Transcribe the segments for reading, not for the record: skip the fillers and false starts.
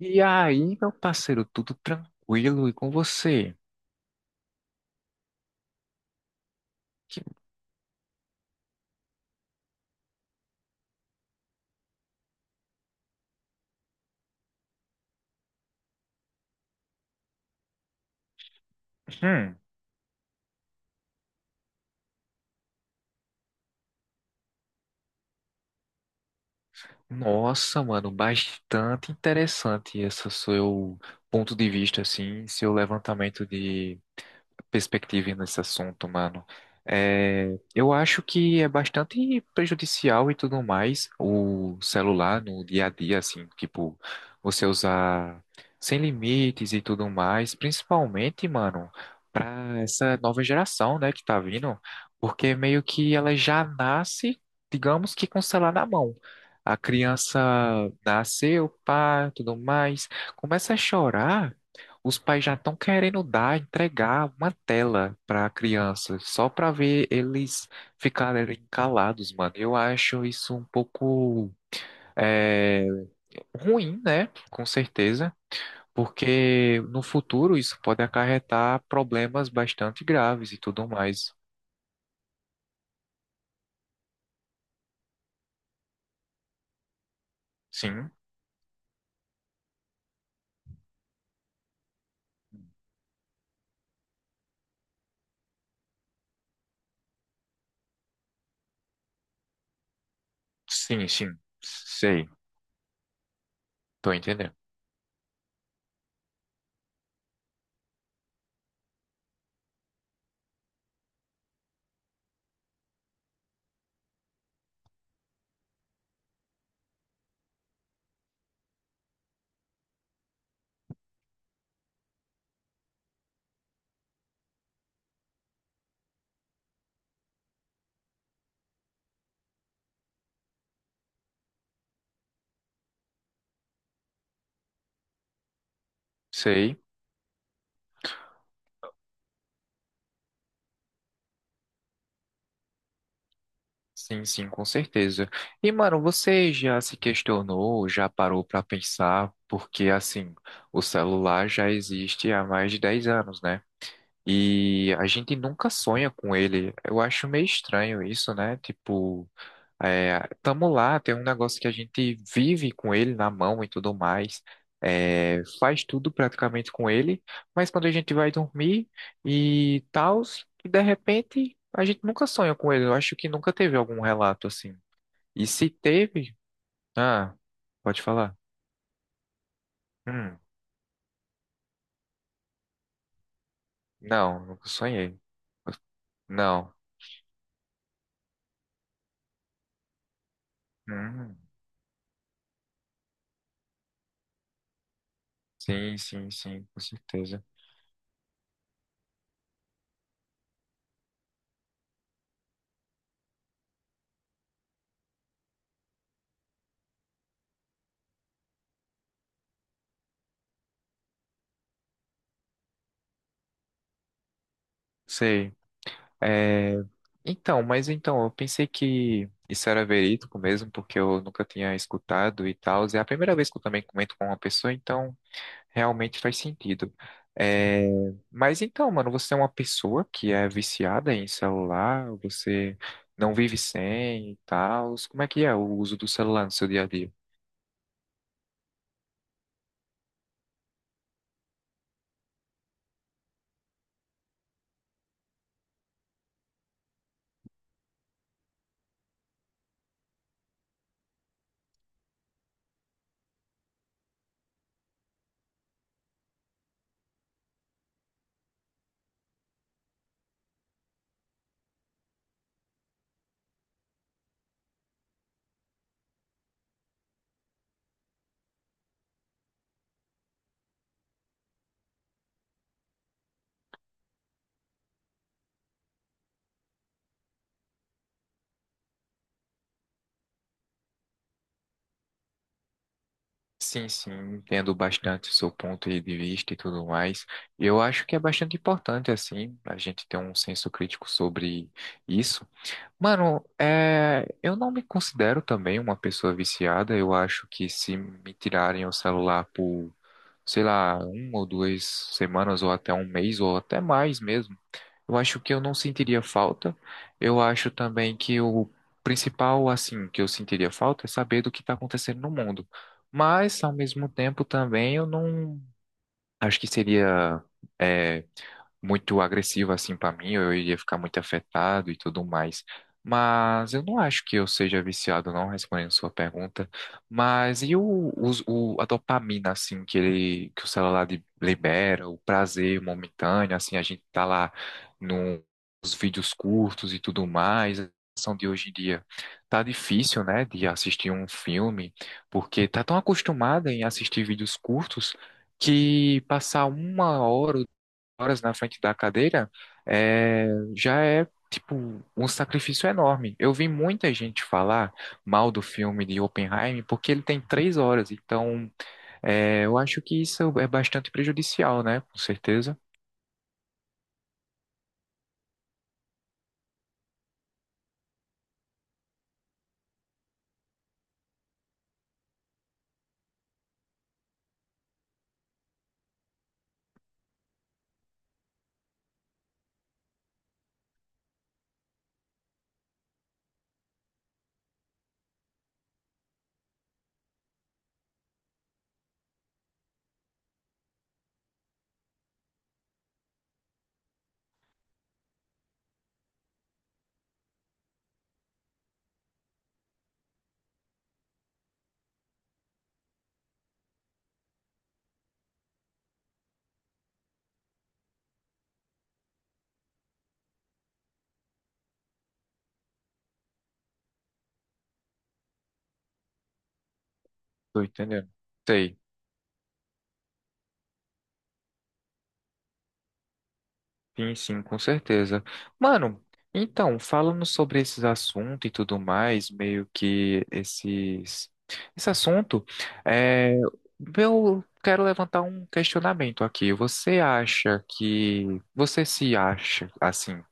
E aí, meu parceiro, tudo tranquilo e com você? Que- hum, Nossa, mano, bastante interessante esse seu ponto de vista, assim, seu levantamento de perspectiva nesse assunto, mano. É, eu acho que é bastante prejudicial e tudo mais o celular no dia a dia, assim, tipo, você usar sem limites e tudo mais, principalmente, mano, pra essa nova geração, né, que tá vindo, porque meio que ela já nasce, digamos que com o celular na mão. A criança nasceu, pá, tudo mais, começa a chorar, os pais já estão querendo dar, entregar uma tela para a criança, só para ver eles ficarem calados, mano. Eu acho isso um pouco é, ruim, né? Com certeza, porque no futuro isso pode acarretar problemas bastante graves e tudo mais. Sim, sim, sim. Sei, tô entendendo. Sei. Sim, sim, com certeza. E, mano, você já se questionou, já parou pra pensar, porque, assim, o celular já existe há mais de 10 anos, né? E a gente nunca sonha com ele. Eu acho meio estranho isso, né? Tipo. É, tamo lá, tem um negócio que a gente vive com ele na mão e tudo mais. É, faz tudo praticamente com ele, mas quando a gente vai dormir e tal, e de repente a gente nunca sonha com ele. Eu acho que nunca teve algum relato assim. E se teve, ah, pode falar. Hum, não, nunca sonhei. Não. Hum, sim, sim, sim, com certeza. Sei. É, então, mas então, eu pensei que isso era verídico mesmo, porque eu nunca tinha escutado e tal. É a primeira vez que eu também comento com uma pessoa, então realmente faz sentido. É, mas então, mano, você é uma pessoa que é viciada em celular, você não vive sem e tal. Como é que é o uso do celular no seu dia a dia? Sim, sim, entendo bastante o seu ponto de vista e tudo mais. Eu acho que é bastante importante, assim, a gente ter um senso crítico sobre isso. Mano, eu não me considero também uma pessoa viciada. Eu acho que se me tirarem o celular por, sei lá, uma ou duas semanas, ou até um mês, ou até mais mesmo, eu acho que eu não sentiria falta. Eu acho também que o principal, assim, que eu sentiria falta é saber do que está acontecendo no mundo. Mas, ao mesmo tempo, também eu não. Acho que seria é, muito agressivo assim pra mim, eu iria ficar muito afetado e tudo mais. Mas eu não acho que eu seja viciado, não, respondendo sua pergunta. Mas a dopamina, assim, que ele, que o celular libera, o prazer momentâneo, assim, a gente tá lá no- nos vídeos curtos e tudo mais. A situação de hoje em dia tá difícil, né, de assistir um filme, porque tá tão acostumada em assistir vídeos curtos que passar uma hora, ou duas horas na frente da cadeira é, já é tipo um sacrifício enorme. Eu vi muita gente falar mal do filme de Oppenheimer porque ele tem três horas, então eu acho que isso é bastante prejudicial, né? Com certeza. Tô entendendo. Sei. Sim, sim, com certeza. Mano, então, falando sobre esses assuntos e tudo mais, meio que esse assunto, é, eu quero levantar um questionamento aqui. Você se acha, assim,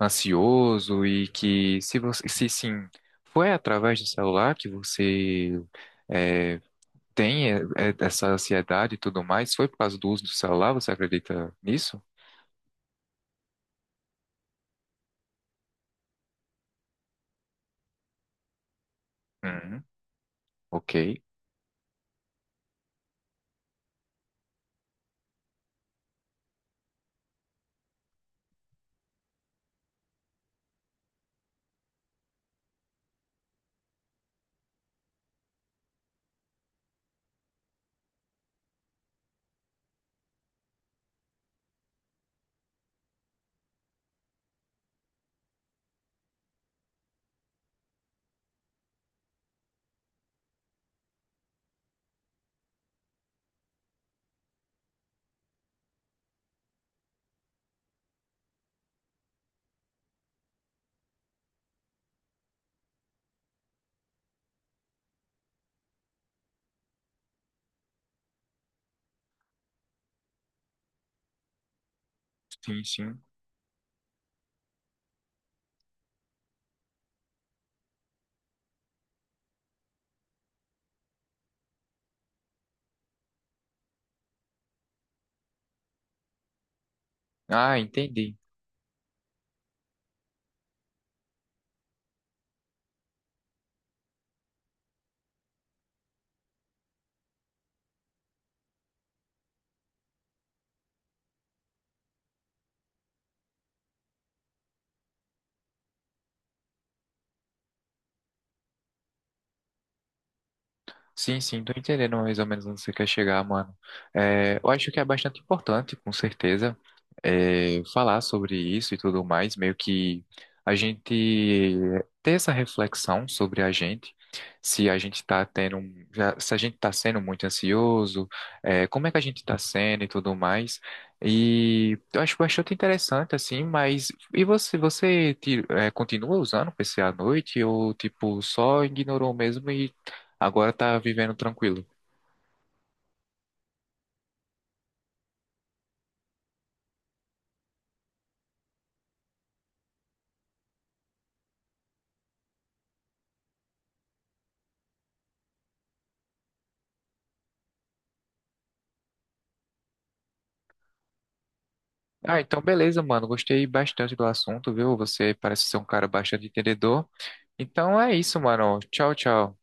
ansioso e que, se você, se sim, foi através do celular que você, é, tem essa ansiedade e tudo mais? Foi por causa do uso do celular? Você acredita nisso? Uhum, ok. Sim, sim. Ah, entendi. Sim, sim, tô entendendo mais ou menos onde você quer chegar, mano. Eu acho que é bastante importante, com certeza, falar sobre isso e tudo mais, meio que a gente ter essa reflexão sobre a gente, se a gente tá tendo, se a gente tá sendo muito ansioso, como é que a gente tá sendo e tudo mais. E eu acho bastante interessante, assim, mas e você, você continua usando o PC à noite ou, tipo, só ignorou mesmo? Agora tá vivendo tranquilo. Ah, então beleza, mano. Gostei bastante do assunto, viu? Você parece ser um cara bastante entendedor. Então é isso, mano. Tchau, tchau.